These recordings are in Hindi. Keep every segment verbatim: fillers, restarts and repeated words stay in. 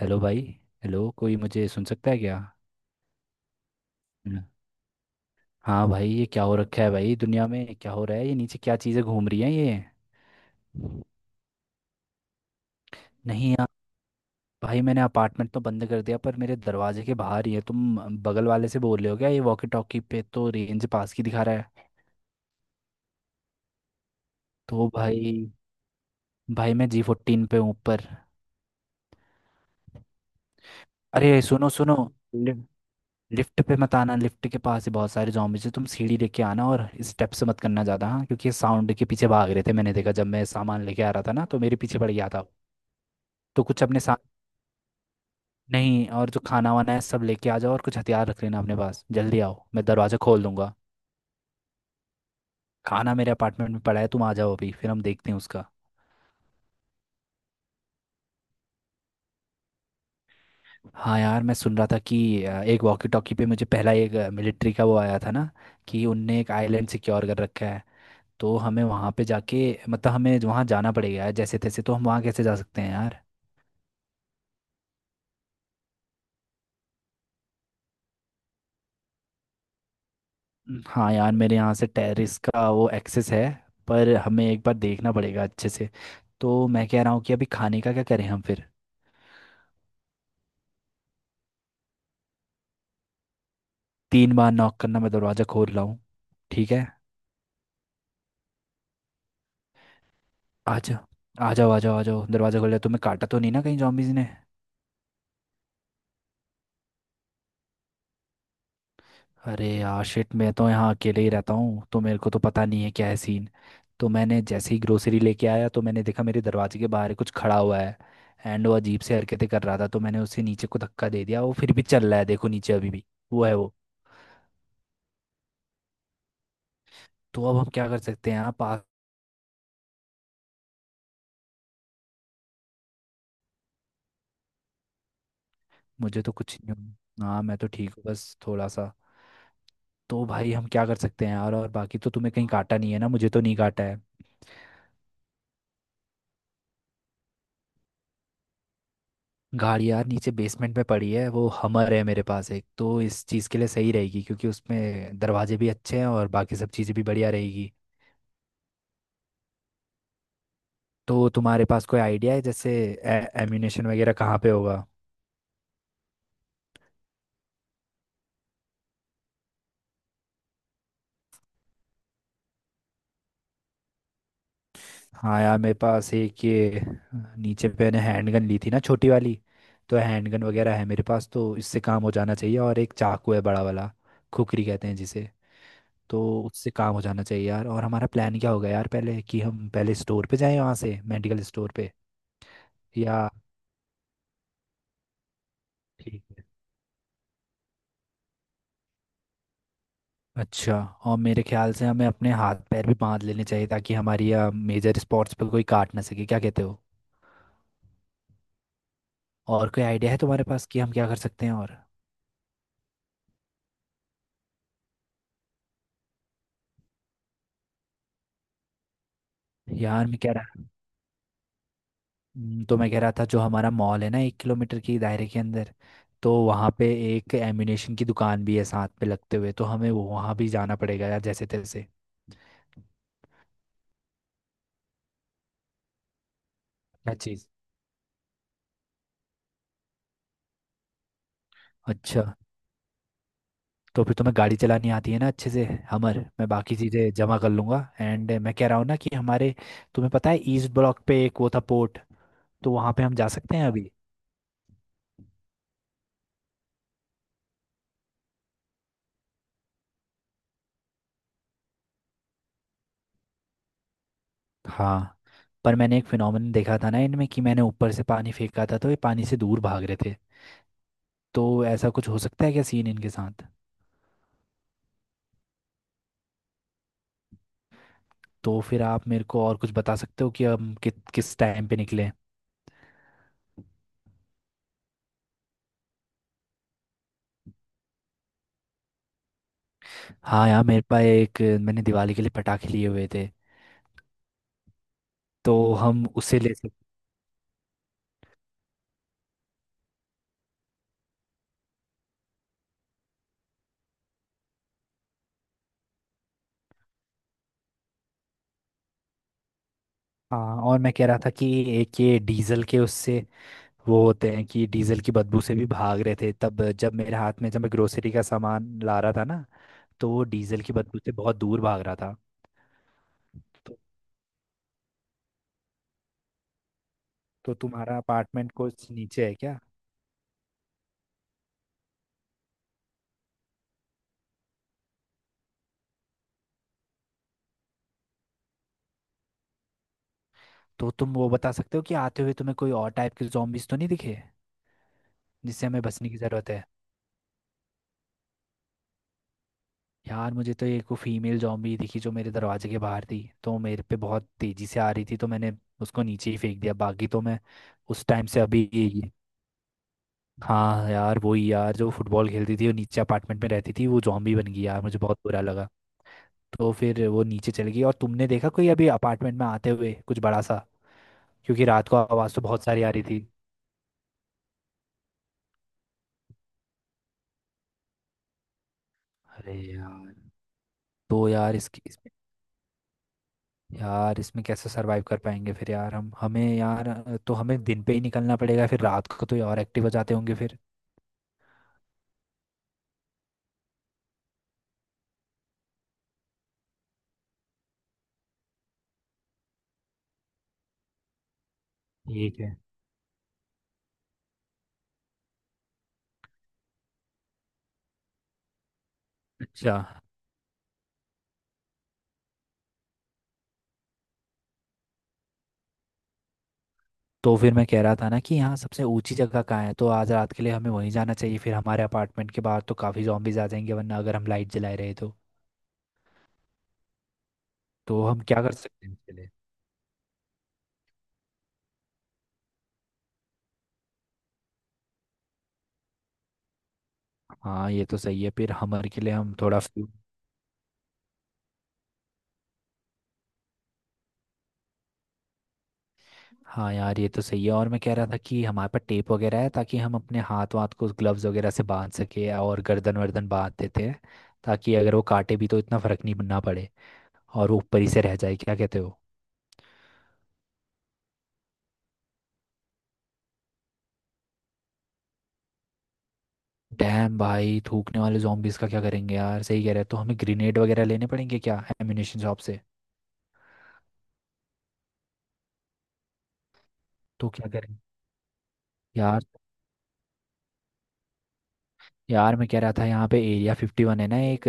हेलो भाई। हेलो, कोई मुझे सुन सकता है क्या? हम्म। हाँ भाई, ये क्या हो रखा है भाई, दुनिया में क्या हो रहा है? ये नीचे क्या चीज़ें घूम रही हैं ये? नहीं यार। भाई मैंने अपार्टमेंट तो बंद कर दिया पर मेरे दरवाजे के बाहर ही है। तुम बगल वाले से बोल रहे हो क्या? ये वॉकी टॉकी पे तो रेंज पास की दिखा रहा है। तो भाई, भाई मैं जी फोर्टीन पे हूँ ऊपर। अरे सुनो सुनो। लिफ्ट पे मत आना, लिफ्ट के पास ही बहुत सारे zombies हैं। तुम सीढ़ी लेके आना और स्टेप से मत करना ज़्यादा, हाँ, क्योंकि साउंड के पीछे भाग रहे थे। मैंने देखा, जब मैं सामान लेके आ रहा था ना तो मेरे पीछे पड़ गया था वो। तो कुछ अपने साथ। नहीं, और जो खाना वाना है सब लेके आ जाओ और कुछ हथियार रख लेना अपने पास। जल्दी आओ, मैं दरवाज़ा खोल दूंगा। खाना मेरे अपार्टमेंट में पड़ा है, तुम आ जाओ अभी, फिर हम देखते हैं उसका। हाँ यार मैं सुन रहा था कि अ, एक वॉकी टॉकी पे मुझे पहला एक मिलिट्री का वो आया था ना, कि उनने एक आइलैंड सिक्योर कर रखा है। तो हमें वहाँ पे जाके, मतलब हमें वहाँ जाना पड़ेगा यार जैसे तैसे। तो हम वहाँ कैसे जा सकते हैं यार? हाँ यार, मेरे यहाँ से टेरेस का वो एक्सेस है, पर हमें एक बार देखना पड़ेगा अच्छे से। तो मैं कह रहा हूँ कि अभी खाने का क्या करें हम फिर? तीन बार नॉक करना, मैं दरवाज़ा खोल रहा हूँ। ठीक है। आ जाओ। आ जाओ आ जाओ आ जाओ, दरवाज़ा खोल लिया। तुम्हें काटा तो नहीं ना कहीं जॉम्बीज ने? अरे यार शिट, मैं तो यहाँ अकेले ही रहता हूँ तो मेरे को तो पता नहीं है क्या है सीन। तो मैंने जैसे ही ग्रोसरी लेके आया तो मैंने देखा मेरे दरवाजे के बाहर कुछ खड़ा हुआ है। एंड वो अजीब से हरकतें कर रहा था तो मैंने उसे नीचे को धक्का दे दिया। वो फिर भी चल रहा है, देखो नीचे अभी भी वो है वो। तो अब हम क्या कर सकते हैं? आप आ- मुझे तो कुछ नहीं। हो- हाँ मैं तो ठीक हूँ, बस थोड़ा सा। तो भाई हम क्या कर सकते हैं यार? और बाकी तो तुम्हें कहीं काटा नहीं है ना? मुझे तो नहीं काटा है। गाड़ी यार नीचे बेसमेंट में पड़ी है। वो हमर है मेरे पास, एक तो इस चीज़ के लिए सही रहेगी, क्योंकि उसमें दरवाजे भी अच्छे हैं और बाकी सब चीज़ें भी बढ़िया रहेगी। तो तुम्हारे पास कोई आइडिया है जैसे एम्यूनेशन वगैरह कहाँ पे होगा? हाँ यार मेरे पास एक ये, नीचे पे मैंने हैंडगन ली थी ना छोटी वाली। तो हैंडगन वगैरह है मेरे पास, तो इससे काम हो जाना चाहिए। और एक चाकू है बड़ा वाला, खुकरी कहते हैं जिसे। तो उससे काम हो जाना चाहिए यार। और हमारा प्लान क्या होगा यार पहले, कि हम पहले स्टोर पे जाएं, वहाँ से मेडिकल स्टोर पे? या ठीक है। अच्छा। और मेरे ख्याल से हमें अपने हाथ पैर भी बांध लेने चाहिए, ताकि हमारी मेजर स्पॉट्स पर कोई काट ना सके, क्या कहते हो? और कोई आइडिया है तुम्हारे पास कि हम क्या कर सकते हैं और? यार मैं कह रहा हम्म, तो मैं कह रहा था, जो हमारा मॉल है ना एक किलोमीटर की दायरे के अंदर, तो वहाँ पे एक एम्यूनेशन की दुकान भी है साथ पे लगते हुए। तो हमें वो- वहाँ भी जाना पड़ेगा यार जैसे तैसे। क्या चीज़? अच्छा। तो फिर तुम्हें गाड़ी चलानी आती है ना अच्छे से? हमर मैं बाकी चीज़ें जमा कर लूँगा। एंड मैं कह रहा हूँ ना कि हमारे, तुम्हें पता है ईस्ट ब्लॉक पे एक वो था पोर्ट, तो वहाँ पे हम जा सकते हैं अभी। हाँ, पर मैंने एक फिनोमेना देखा था ना इनमें, कि मैंने ऊपर से पानी फेंका था तो ये पानी से दूर भाग रहे थे। तो ऐसा कुछ हो सकता है क्या सीन इनके साथ? तो फिर आप मेरे को और कुछ बता सकते हो कि हम कि, किस टाइम पे निकलें? हाँ यार मेरे पास एक, मैंने दिवाली के लिए पटाखे लिए हुए थे। तो हम उसे ले सकते। हाँ, और मैं कह रहा था कि एक ये डीजल के उससे वो होते हैं, कि डीजल की बदबू से भी भाग रहे थे तब, जब मेरे हाथ में, जब मैं ग्रोसरी का सामान ला रहा था ना, तो वो डीजल की बदबू से बहुत दूर भाग रहा था। तो, तो तुम्हारा अपार्टमेंट कुछ नीचे है क्या? तो तुम वो बता सकते हो कि आते हुए तुम्हें कोई और टाइप के zombies तो नहीं दिखे, जिससे हमें बचने की ज़रूरत है? यार मुझे तो एक वो फीमेल जॉम्बी दिखी, जो मेरे दरवाजे के बाहर थी। तो मेरे पे बहुत तेज़ी से आ रही थी, तो मैंने उसको नीचे ही फेंक दिया। बाकी तो मैं उस टाइम से अभी। हाँ यार वही यार, जो फुटबॉल खेलती थी, वो नीचे अपार्टमेंट में रहती थी, वो जॉम्बी बन गई यार, मुझे बहुत बुरा लगा। तो फिर वो नीचे चली गई। और तुमने देखा कोई अभी अपार्टमेंट में आते हुए कुछ बड़ा सा? क्योंकि रात को आवाज़ तो बहुत सारी आ रही थी। अरे यार। तो यार इसकी इसमें यार इसमें कैसे सरवाइव कर पाएंगे फिर यार? हम हमें यार, अ, तो हमें दिन पे ही निकलना पड़ेगा फिर। रात को तो ये और एक्टिव हो जाते होंगे फिर। ठीक है। अच्छा। तो फिर मैं कह रहा था ना कि यहाँ सबसे ऊंची जगह कहाँ है, तो आज रात के लिए हमें वहीं जाना चाहिए। फिर हमारे अपार्टमेंट के बाहर तो काफ़ी जॉम्बीज आ जाएंगे वरना, अगर हम लाइट जलाए रहे तो। तो हम क्या कर सकते हैं इसके लिए? हाँ ये तो सही है, फिर हमारे के लिए हम थोड़ा फ्यू- हाँ यार ये तो सही है। और मैं कह रहा था कि हमारे पास टेप वगैरह है, ताकि हम अपने हाथ वाथ को ग्लव्स वगैरह से बांध सके, और गर्दन वर्दन बांध देते हैं, ताकि अगर वो काटे भी तो इतना फर्क नहीं ना पड़े, और वो ऊपर ही से रह जाए। क्या कहते हो? डैम भाई, थूकने वाले zombies का क्या करेंगे यार? सही कह रहे हैं। तो हमें ग्रेनेड वगैरह लेने पड़ेंगे क्या एम्यूनेशन शॉप से? तो क्या करें? यार, यार मैं कह रहा था यहाँ पे एरिया फिफ्टी वन है ना एक,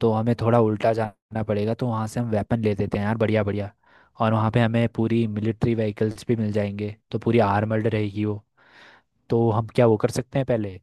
तो हमें थोड़ा उल्टा जाना पड़ेगा। तो वहाँ से हम वेपन ले लेते हैं यार, बढ़िया बढ़िया। और वहाँ पे हमें पूरी मिलिट्री व्हीकल्स भी मिल जाएंगे, तो पूरी आर्मर्ड रहेगी वो। तो हम क्या वो कर सकते हैं पहले?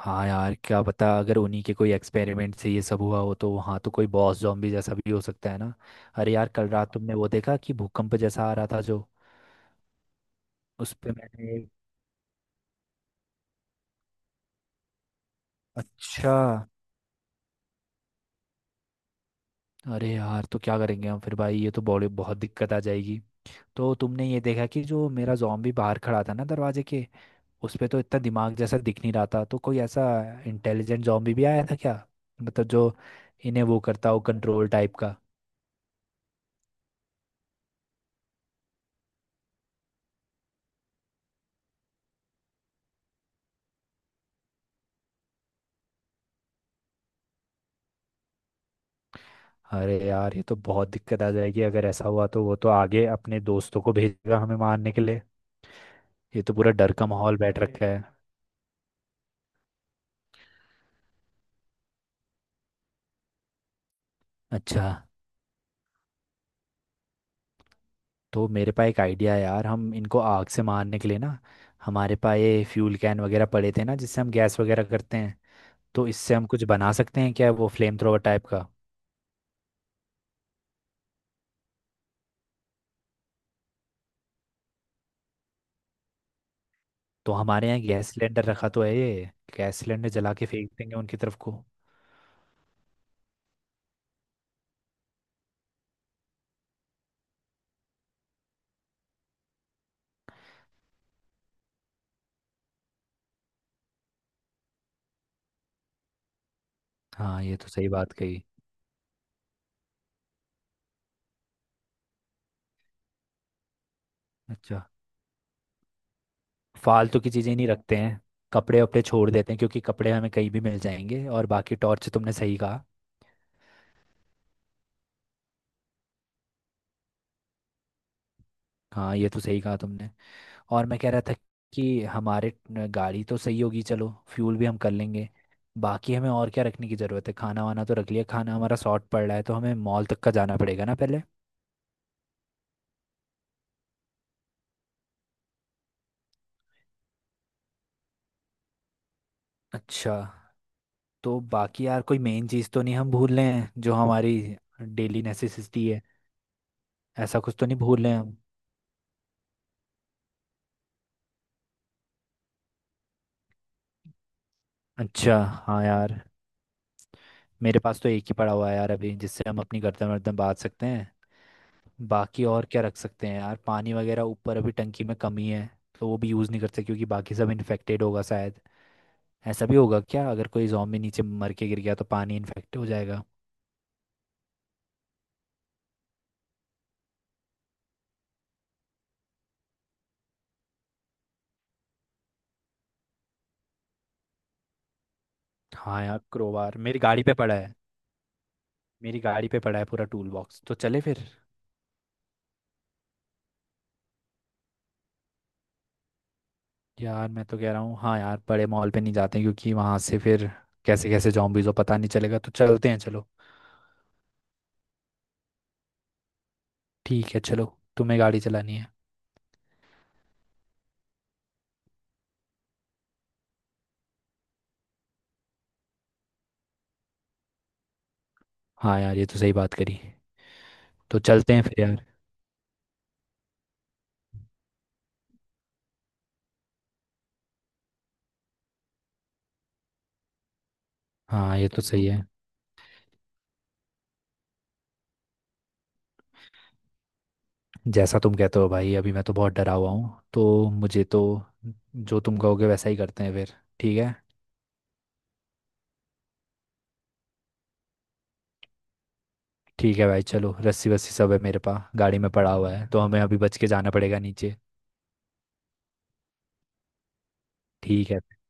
हाँ यार, क्या पता अगर उन्हीं के कोई एक्सपेरिमेंट से ये सब हुआ हो, तो वहाँ तो कोई बॉस जॉम्बी जैसा भी हो सकता है ना। अरे यार कल रात तुमने वो देखा कि भूकंप जैसा आ रहा था, जो उस पे मैंने। अच्छा। अरे यार तो क्या करेंगे हम फिर भाई? ये तो बड़ी बहुत दिक्कत आ जाएगी। तो तुमने ये देखा कि जो मेरा जॉम्बी बाहर खड़ा था ना दरवाजे के, उस पे तो इतना दिमाग जैसा दिख नहीं रहा था। तो कोई ऐसा इंटेलिजेंट जॉम्बी भी आया था क्या, मतलब जो इन्हें वो करता हो कंट्रोल टाइप का? अरे यार ये तो बहुत दिक्कत आ जाएगी, अगर ऐसा हुआ तो वो तो आगे अपने दोस्तों को भेजेगा हमें मारने के लिए। ये तो पूरा डर का माहौल बैठ वही रखा है। अच्छा। तो मेरे पास एक आइडिया है यार, हम इनको आग से मारने के लिए ना, हमारे पास ये फ्यूल कैन वगैरह पड़े थे ना, जिससे हम गैस वगैरह करते हैं। तो इससे हम कुछ बना सकते हैं क्या वो फ्लेम थ्रोवर टाइप का? तो हमारे यहाँ गैस सिलेंडर रखा तो है ये, गैस सिलेंडर जला के फेंक देंगे उनकी तरफ को। हाँ ये तो सही बात कही। अच्छा। फालतू की चीज़ें नहीं रखते हैं, कपड़े वपड़े छोड़ देते हैं, क्योंकि कपड़े हमें कहीं भी मिल जाएंगे। और बाकी टॉर्च, तुमने सही कहा। हाँ ये तो सही कहा तुमने। और मैं कह रहा था कि हमारे न- गाड़ी तो सही होगी, चलो फ्यूल भी हम कर लेंगे। बाकी हमें और क्या रखने की ज़रूरत है? खाना वाना तो रख लिया। खाना हमारा शॉर्ट पड़ रहा है, तो हमें मॉल तक का जाना पड़ेगा ना पहले। अच्छा। तो बाकी यार कोई मेन चीज़ तो नहीं हम भूल रहे हैं जो हमारी डेली नेसेसिटी है? ऐसा कुछ तो नहीं भूल रहे हैं हम? अच्छा। हाँ यार, मेरे पास तो एक ही पड़ा हुआ है यार अभी, जिससे हम अपनी गर्दन वर्दन बांध सकते हैं। बाकी और क्या रख सकते हैं यार? पानी वगैरह ऊपर अभी टंकी में कमी है, तो वो भी यूज़ नहीं करते, क्योंकि बाकी सब इन्फेक्टेड होगा शायद। ऐसा भी होगा क्या, अगर कोई जॉम्बी नीचे मर के गिर गया तो पानी इन्फेक्ट हो जाएगा? हाँ यार क्रोबार मेरी गाड़ी पे पड़ा है। मेरी गाड़ी पे पड़ा है पूरा टूल बॉक्स, तो चले फिर। यार मैं तो कह रहा हूँ, हाँ यार बड़े मॉल पे नहीं जाते हैं, क्योंकि वहाँ से फिर कैसे कैसे जॉम्बीज़ हो पता नहीं चलेगा। तो चलते हैं चलो। ठीक है चलो, तुम्हें गाड़ी चलानी है। हाँ यार ये तो सही बात करी। तो चलते हैं फिर यार। हाँ ये तो सही है। जैसा तुम कहते हो भाई, अभी मैं तो बहुत डरा हुआ हूँ, तो मुझे तो जो तुम कहोगे वैसा ही करते हैं फिर। ठीक है। ठीक है भाई चलो, रस्सी वस्सी सब है मेरे पास गाड़ी में पड़ा हुआ है। तो हमें अभी बच के जाना पड़ेगा नीचे। ठीक है।